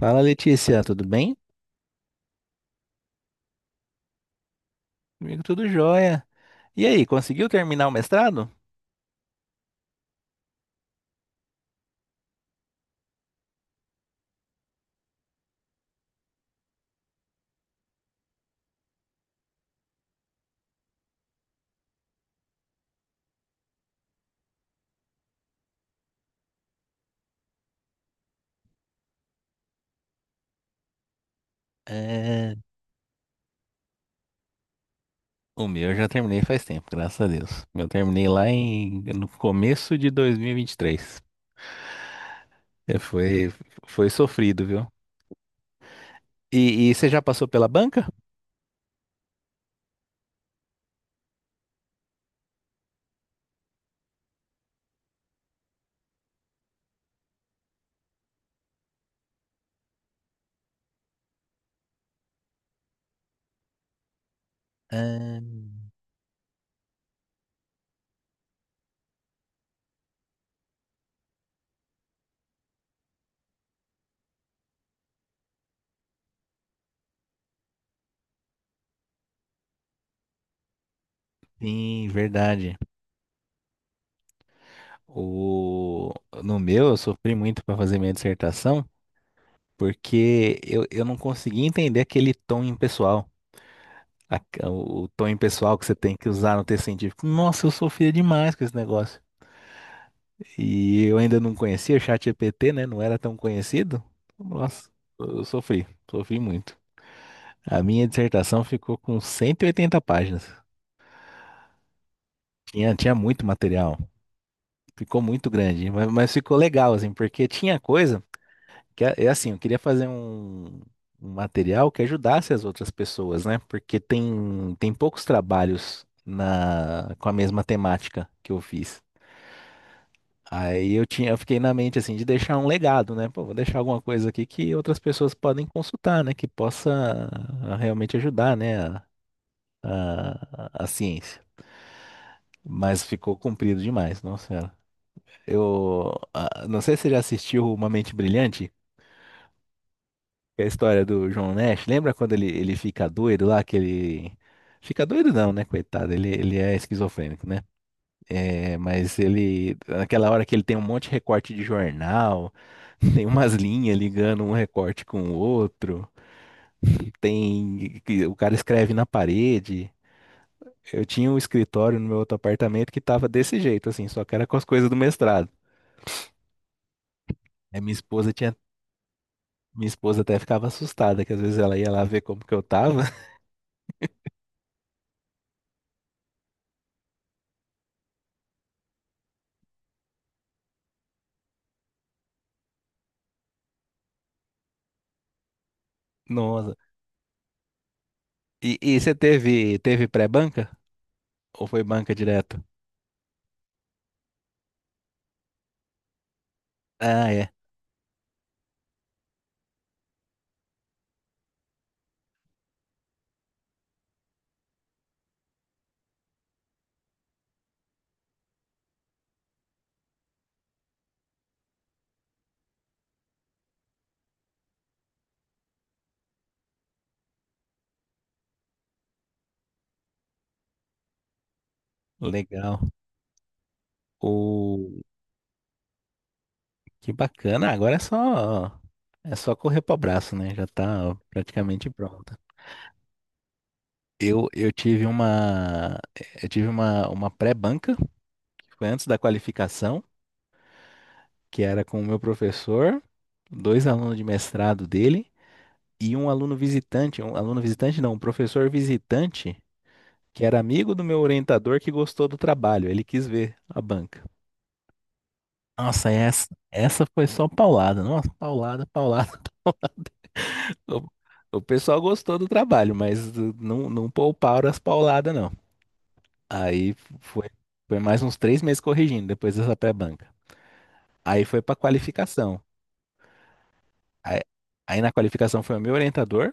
Fala Letícia, tudo bem? Comigo tudo jóia. E aí, conseguiu terminar o mestrado? É, o meu eu já terminei faz tempo, graças a Deus. Eu terminei lá em, no começo de 2023. É, foi, foi sofrido, viu? E, você já passou pela banca? É, sim, verdade. O, no meu eu sofri muito para fazer minha dissertação, porque eu não conseguia entender aquele tom impessoal. a- o tom pessoal que você tem que usar no texto científico. Nossa, eu sofria demais com esse negócio. E eu ainda não conhecia o ChatGPT, né? Não era tão conhecido. Nossa, eu sofri, sofri muito. A minha dissertação ficou com 180 páginas. Tinha muito material. Ficou muito grande, mas ficou legal, assim, porque tinha coisa que, é assim, eu queria fazer um, um material que ajudasse as outras pessoas, né? Porque tem, tem poucos trabalhos na, com a mesma temática que eu fiz. Aí eu tinha, eu fiquei na mente assim de deixar um legado, né? Pô, vou deixar alguma coisa aqui que outras pessoas podem consultar, né? Que possa realmente ajudar, né? A ciência. Mas ficou comprido demais, nossa senhora. Eu não sei se você já assistiu Uma Mente Brilhante, que é a história do John Nash. Lembra quando ele fica doido lá, que ele fica doido não, né? Coitado, ele é esquizofrênico, né? É, mas ele, naquela hora que ele tem um monte de recorte de jornal, tem umas linhas ligando um recorte com o outro, tem, que o cara escreve na parede. Eu tinha um escritório no meu outro apartamento que tava desse jeito, assim, só que era com as coisas do mestrado. Aí minha esposa tinha, minha esposa até ficava assustada, que às vezes ela ia lá ver como que eu tava. Nossa. E, você teve, teve pré-banca? Ou foi banca direto? Ah, é. Legal. Que bacana. Agora é só correr para o braço, né? Já tá praticamente pronta. Eu tive uma eu tive uma pré-banca, que foi antes da qualificação, que era com o meu professor, dois alunos de mestrado dele e um aluno visitante não, um professor visitante, que era amigo do meu orientador que gostou do trabalho, ele quis ver a banca. Nossa, essa foi só paulada. Nossa, paulada, paulada. O, o pessoal gostou do trabalho, mas não, não pouparam as pauladas, não. Aí foi, foi mais uns três meses corrigindo depois dessa pré-banca. Aí foi para qualificação. Aí, aí na qualificação foi o meu orientador,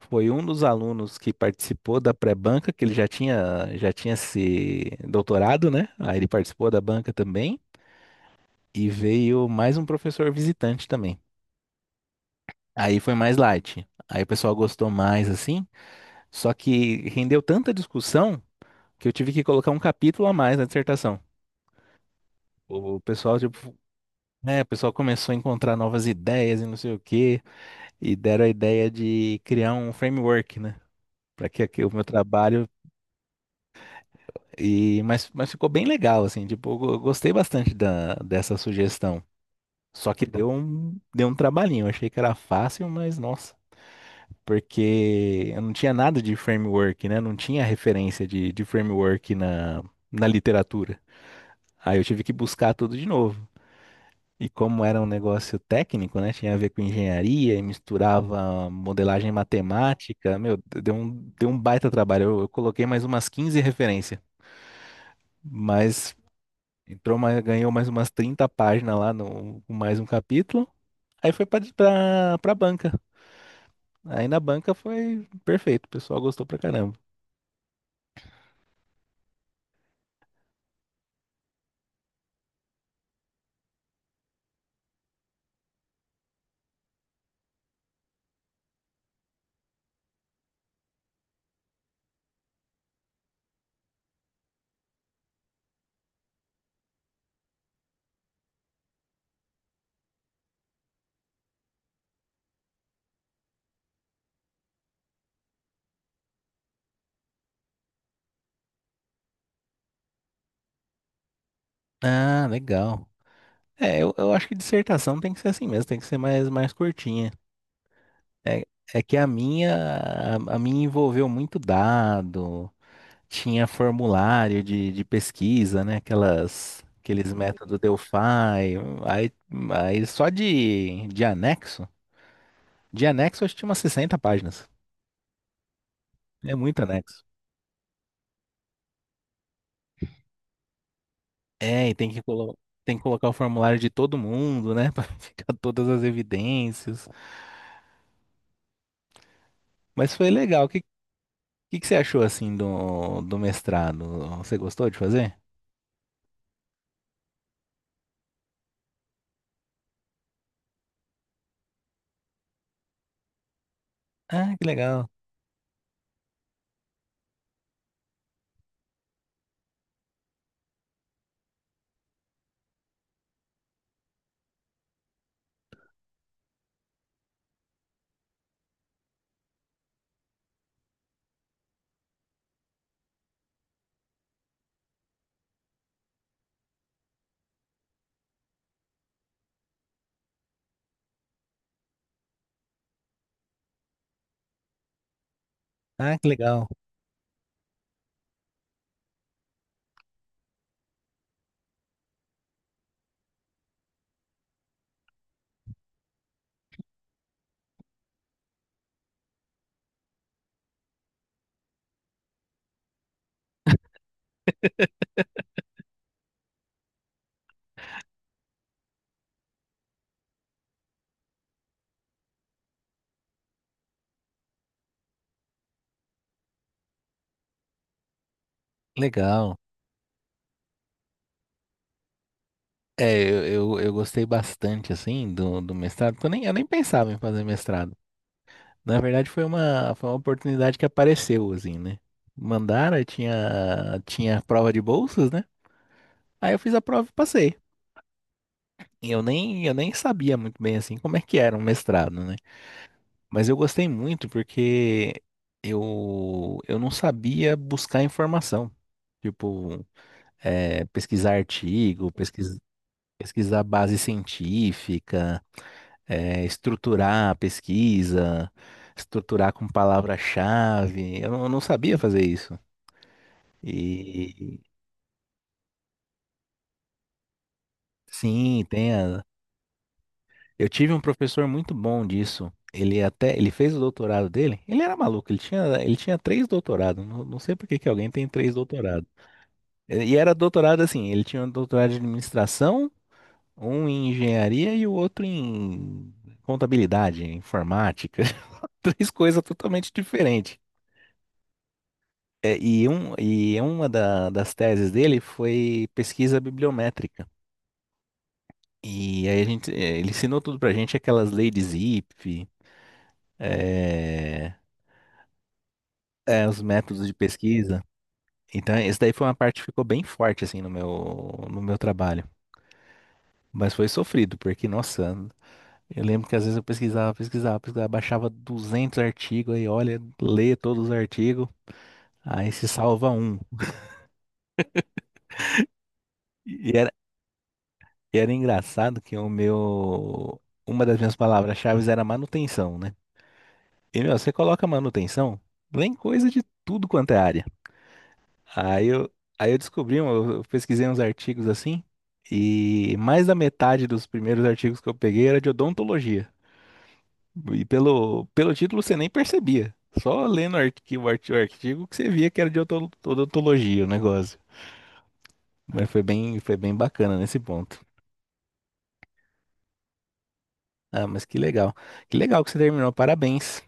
foi um dos alunos que participou da pré-banca, que ele já tinha se doutorado, né? Aí ele participou da banca também. E veio mais um professor visitante também. Aí foi mais light. Aí o pessoal gostou mais, assim. Só que rendeu tanta discussão. Que eu tive que colocar um capítulo a mais na dissertação. O pessoal, tipo, né, o pessoal começou a encontrar novas ideias e não sei o quê, e deram a ideia de criar um framework, né, para que, que o meu trabalho e mas ficou bem legal assim, tipo, gostei bastante da, dessa sugestão. Só que deu um trabalhinho, eu achei que era fácil, mas nossa, porque eu não tinha nada de framework, né? Não tinha referência de framework na, na literatura. Aí eu tive que buscar tudo de novo. E como era um negócio técnico, né? Tinha a ver com engenharia e misturava modelagem matemática. Meu, deu um baita trabalho. Eu coloquei mais umas 15 referências, mas entrou mais, ganhou mais umas 30 páginas lá no com mais um capítulo. Aí foi pra, pra, pra banca. Aí na banca foi perfeito. O pessoal gostou pra caramba. Ah, legal. É, eu acho que dissertação tem que ser assim mesmo, tem que ser mais, mais curtinha. É, é que a minha envolveu muito dado. Tinha formulário de pesquisa, né? Aquelas, aqueles métodos Delphi. Aí, aí só de anexo. De anexo, acho que tinha umas 60 páginas. É muito anexo. É, e tem que, colo tem que colocar o formulário de todo mundo, né? Pra ficar todas as evidências. Mas foi legal. O que, que você achou, assim, do, do mestrado? Você gostou de fazer? Ah, que legal. Ah, que legal. Legal. É, eu gostei bastante, assim, do, do mestrado, porque eu nem pensava em fazer mestrado. Na verdade, foi uma oportunidade que apareceu, assim, né? Mandaram, eu tinha, tinha prova de bolsas, né? Aí eu fiz a prova e passei. E eu nem sabia muito bem, assim, como é que era um mestrado, né? Mas eu gostei muito porque eu não sabia buscar informação. Tipo, é, pesquisar artigo, pesquisar base científica, estruturar a pesquisa, estruturar com palavra-chave. Eu não sabia fazer isso. E sim, tem a... Eu tive um professor muito bom disso. Ele até, ele fez o doutorado dele. Ele era maluco, ele tinha três doutorados. Não, não sei por que que alguém tem três doutorados. E era doutorado assim, ele tinha um doutorado de administração, um em engenharia e o outro em contabilidade, informática. Três coisas totalmente diferentes. É, e, um, e uma das teses dele foi pesquisa bibliométrica. E aí a gente, é, ele ensinou tudo pra gente, aquelas leis de Zipf, é, é, os métodos de pesquisa. Então, isso daí foi uma parte que ficou bem forte, assim, no meu, no meu trabalho. Mas foi sofrido, porque, nossa, eu lembro que às vezes eu pesquisava, pesquisava, pesquisava, baixava 200 artigos, aí olha, lê todos os artigos, aí se salva um. E E era engraçado que o meu. Uma das minhas palavras-chave era manutenção, né? E, meu, você coloca manutenção, vem coisa de tudo quanto é área. Aí eu, aí eu descobri, um, eu pesquisei uns artigos assim, e mais da metade dos primeiros artigos que eu peguei era de odontologia. E pelo, pelo título você nem percebia. Só lendo o artigo, o artigo que você via que era de odontologia o negócio. Mas foi bem bacana nesse ponto. Ah, mas que legal. Que legal que você terminou. Parabéns.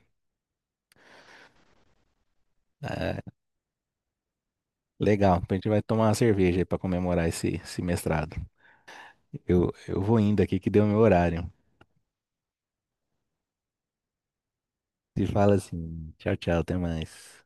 Ah, legal, a gente vai tomar uma cerveja aí para comemorar esse, esse mestrado. Eu vou indo aqui que deu meu horário. Se fala assim, tchau, tchau, até mais.